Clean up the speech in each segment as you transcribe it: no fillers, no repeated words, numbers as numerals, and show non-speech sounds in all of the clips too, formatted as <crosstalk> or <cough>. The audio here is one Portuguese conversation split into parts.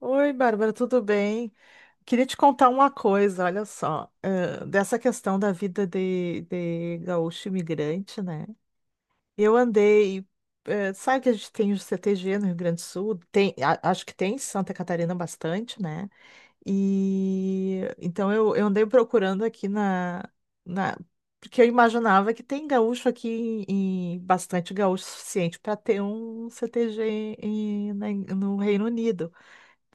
Oi, Bárbara, tudo bem? Queria te contar uma coisa, olha só, dessa questão da vida de gaúcho imigrante, né? Eu andei, sabe que a gente tem o CTG no Rio Grande do Sul, tem, acho que tem em Santa Catarina bastante, né? E então eu andei procurando aqui na- porque eu imaginava que tem gaúcho aqui, bastante gaúcho suficiente para ter um CTG no Reino Unido.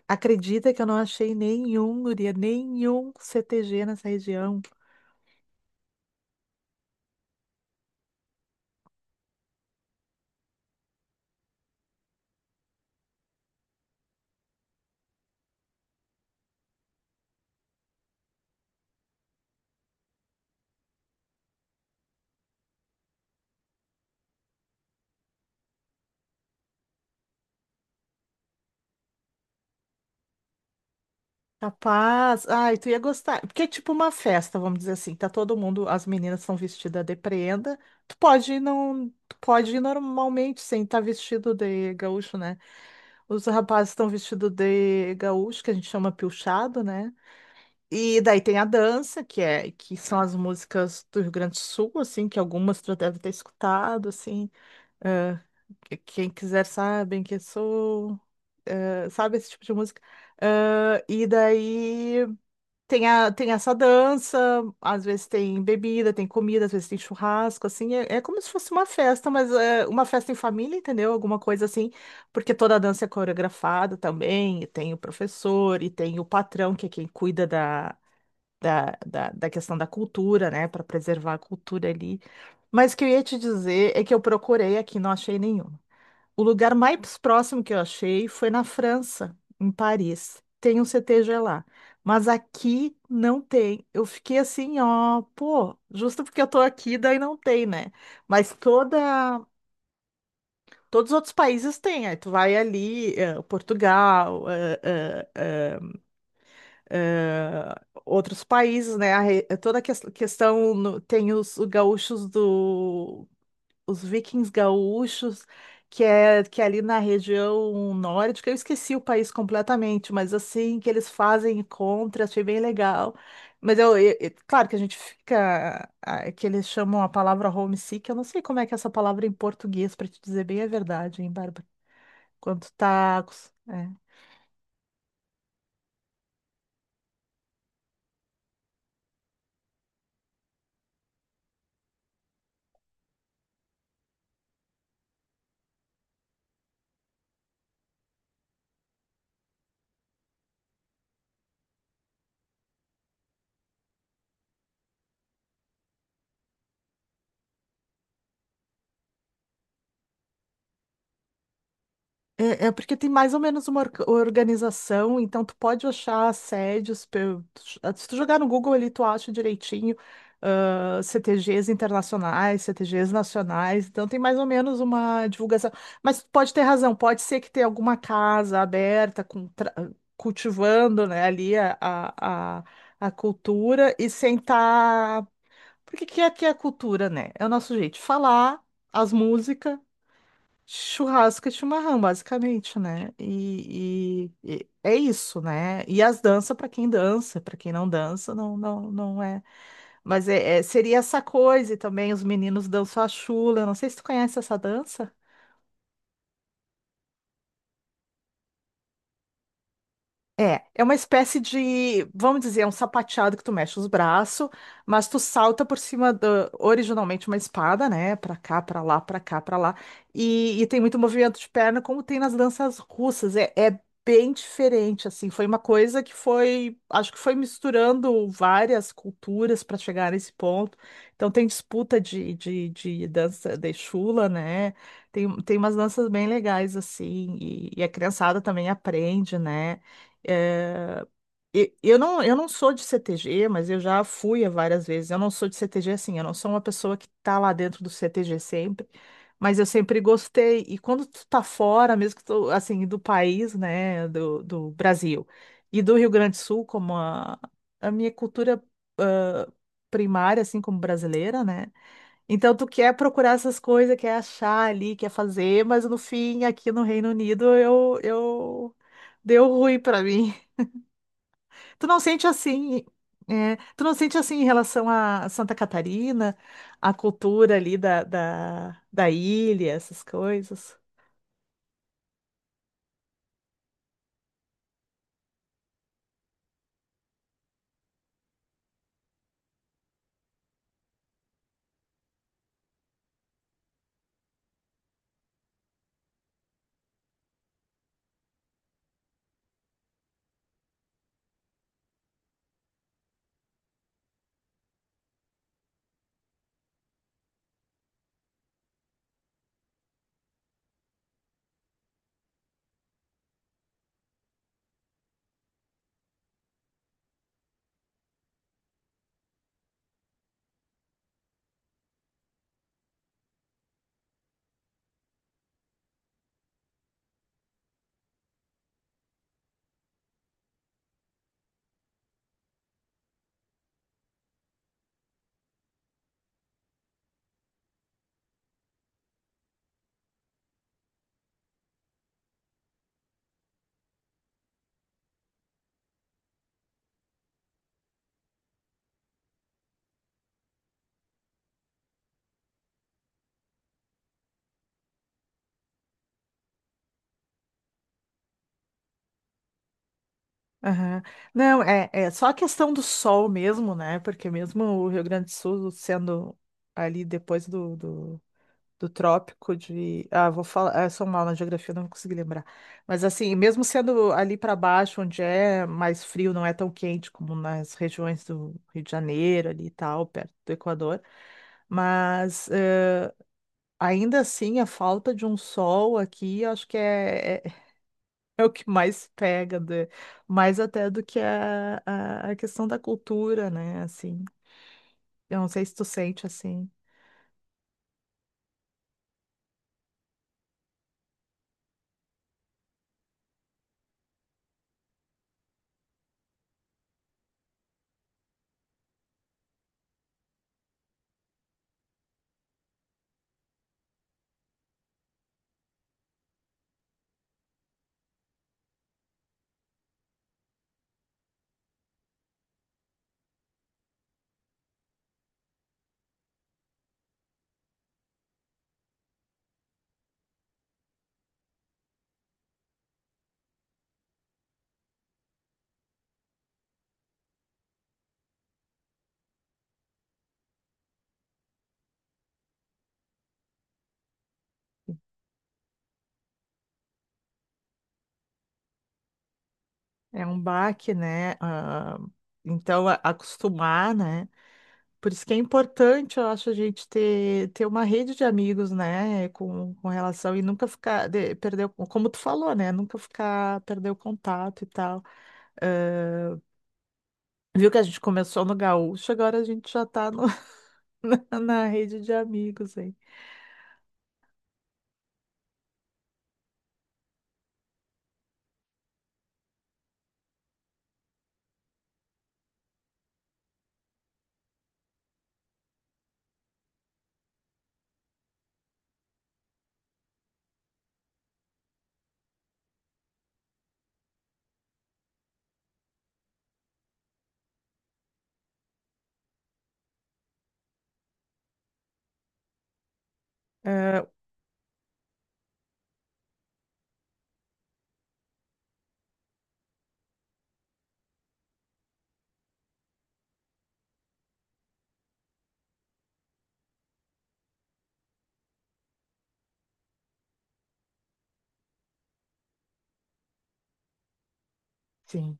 Acredita que eu não achei nenhum, guria, nenhum CTG nessa região. Capaz. Ai, tu ia gostar. Porque é tipo uma festa, vamos dizer assim. Tá todo mundo, as meninas são vestidas de prenda. Tu pode ir, não, tu pode ir normalmente sem estar vestido de gaúcho, né? Os rapazes estão vestidos de gaúcho, que a gente chama pilchado, né? E daí tem a dança, que é que são as músicas do Rio Grande do Sul, assim, que algumas tu deve ter escutado, assim. Quem quiser sabem que sou, sabe esse tipo de música. Ah, e daí tem, tem essa dança, às vezes tem bebida, tem comida, às vezes tem churrasco, assim, é como se fosse uma festa, mas é uma festa em família, entendeu? Alguma coisa assim, porque toda a dança é coreografada também, e tem o professor, e tem o patrão, que é quem cuida da questão da cultura, né, para preservar a cultura ali. Mas o que eu ia te dizer é que eu procurei aqui, não achei nenhuma. O lugar mais próximo que eu achei foi na França, em Paris. Tem um CTG lá. Mas aqui não tem. Eu fiquei assim, ó, pô, justo porque eu tô aqui, daí não tem, né? Mas toda, Todos os outros países têm. Aí tu vai ali, Portugal, eh, outros países, né? Toda a questão tem os gaúchos do os vikings gaúchos, que é ali na região nórdica, eu esqueci o país completamente, mas assim, que eles fazem encontros, achei bem legal. Mas eu, claro que a gente fica, que eles chamam a palavra homesick, eu não sei como é que é essa palavra em português, para te dizer bem a verdade, hein, Bárbara? Quando tá, é porque tem mais ou menos uma organização, então tu pode achar assédios. Se tu jogar no Google ali, tu acha direitinho, CTGs internacionais, CTGs nacionais, então tem mais ou menos uma divulgação. Mas tu pode ter razão, pode ser que tenha alguma casa aberta, com cultivando, né, ali a cultura e sem estar. Porque que é a cultura, né? É o nosso jeito de falar, as músicas. Churrasco e chimarrão, basicamente, né? E é isso, né? E as danças para quem dança, para quem não dança, não, não, não é. Mas seria essa coisa e também os meninos dançam a chula. Eu não sei se tu conhece essa dança. É uma espécie de, vamos dizer, é um sapateado que tu mexe os braços, mas tu salta por cima do originalmente uma espada, né? Pra cá, pra lá, pra cá, pra lá. E tem muito movimento de perna, como tem nas danças russas. É bem diferente, assim. Foi uma coisa que foi, acho que foi misturando várias culturas para chegar nesse ponto. Então tem disputa de dança de chula, né? Tem umas danças bem legais, assim. E a criançada também aprende, né? É, eu não sou de CTG, mas eu já fui a várias vezes. Eu não sou de CTG assim, eu não sou uma pessoa que tá lá dentro do CTG sempre, mas eu sempre gostei. E quando tu tá fora, mesmo que tu, assim, do país, né, do Brasil e do Rio Grande do Sul, como a minha cultura, ah, primária, assim, como brasileira, né? Então tu quer procurar essas coisas, quer achar ali, quer fazer, mas no fim, aqui no Reino Unido, deu ruim pra mim. Tu não sente assim, tu não sente assim em relação a Santa Catarina, a cultura ali da ilha, essas coisas? Aham. Não, é só a questão do sol mesmo, né? Porque mesmo o Rio Grande do Sul sendo ali depois do trópico de. Ah, vou falar. Ah, eu sou mal na geografia, não consegui lembrar. Mas assim, mesmo sendo ali para baixo, onde é mais frio, não é tão quente como nas regiões do Rio de Janeiro ali e tal, perto do Equador. Mas ainda assim, a falta de um sol aqui, eu acho que <laughs> é o que mais pega, mais até do que a questão da cultura, né? Assim, eu não sei se tu sente assim, é um baque, né? Ah, então, acostumar, né? Por isso que é importante, eu acho, a gente ter uma rede de amigos, né, com relação, e nunca ficar, perder, como tu falou, né, nunca ficar, perder o contato e tal. Ah, viu que a gente começou no Gaúcho, agora a gente já tá <laughs> na rede de amigos, hein. Ah, sim.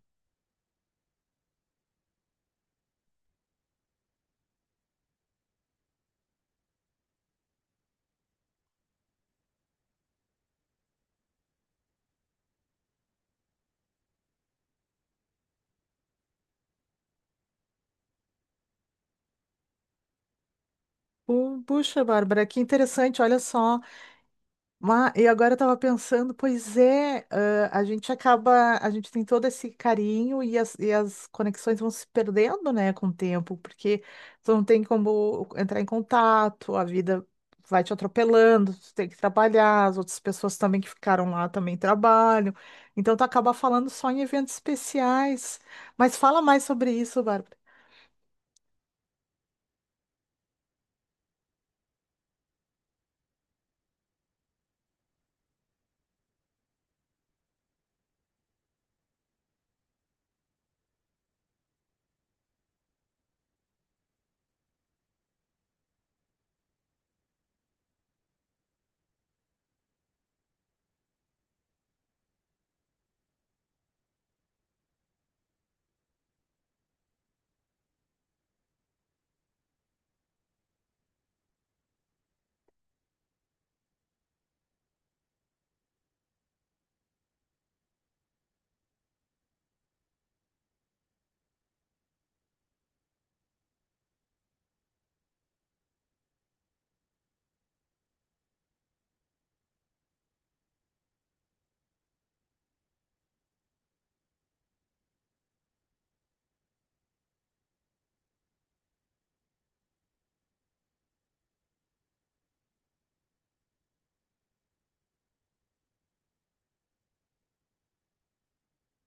Puxa, Bárbara, que interessante, olha só. E agora eu tava pensando, pois é, a gente acaba, a gente tem todo esse carinho e e as conexões vão se perdendo, né, com o tempo, porque tu não tem como entrar em contato, a vida vai te atropelando, tu tem que trabalhar, as outras pessoas também que ficaram lá também trabalham, então tu acaba falando só em eventos especiais, mas fala mais sobre isso, Bárbara.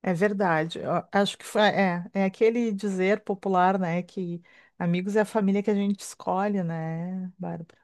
É verdade. Eu acho que é aquele dizer popular, né, que amigos é a família que a gente escolhe, né, Bárbara?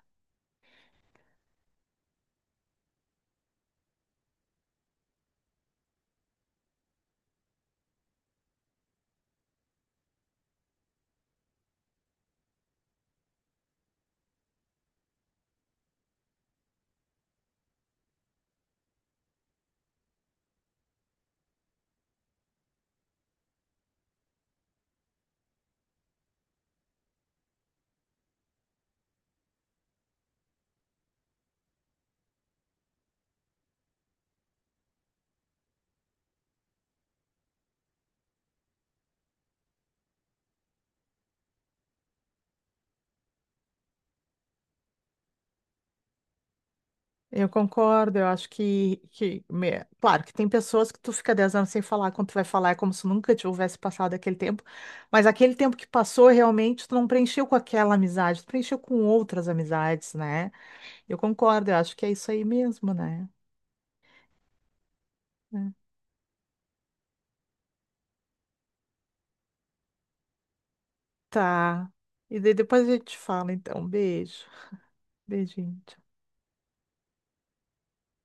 Eu concordo, eu acho claro, que tem pessoas que tu fica 10 anos sem falar, quando tu vai falar é como se nunca tivesse passado aquele tempo, mas aquele tempo que passou, realmente, tu não preencheu com aquela amizade, tu preencheu com outras amizades, né? Eu concordo, eu acho que é isso aí mesmo, né? É. Tá. E daí depois a gente fala, então. Beijo. Beijinho.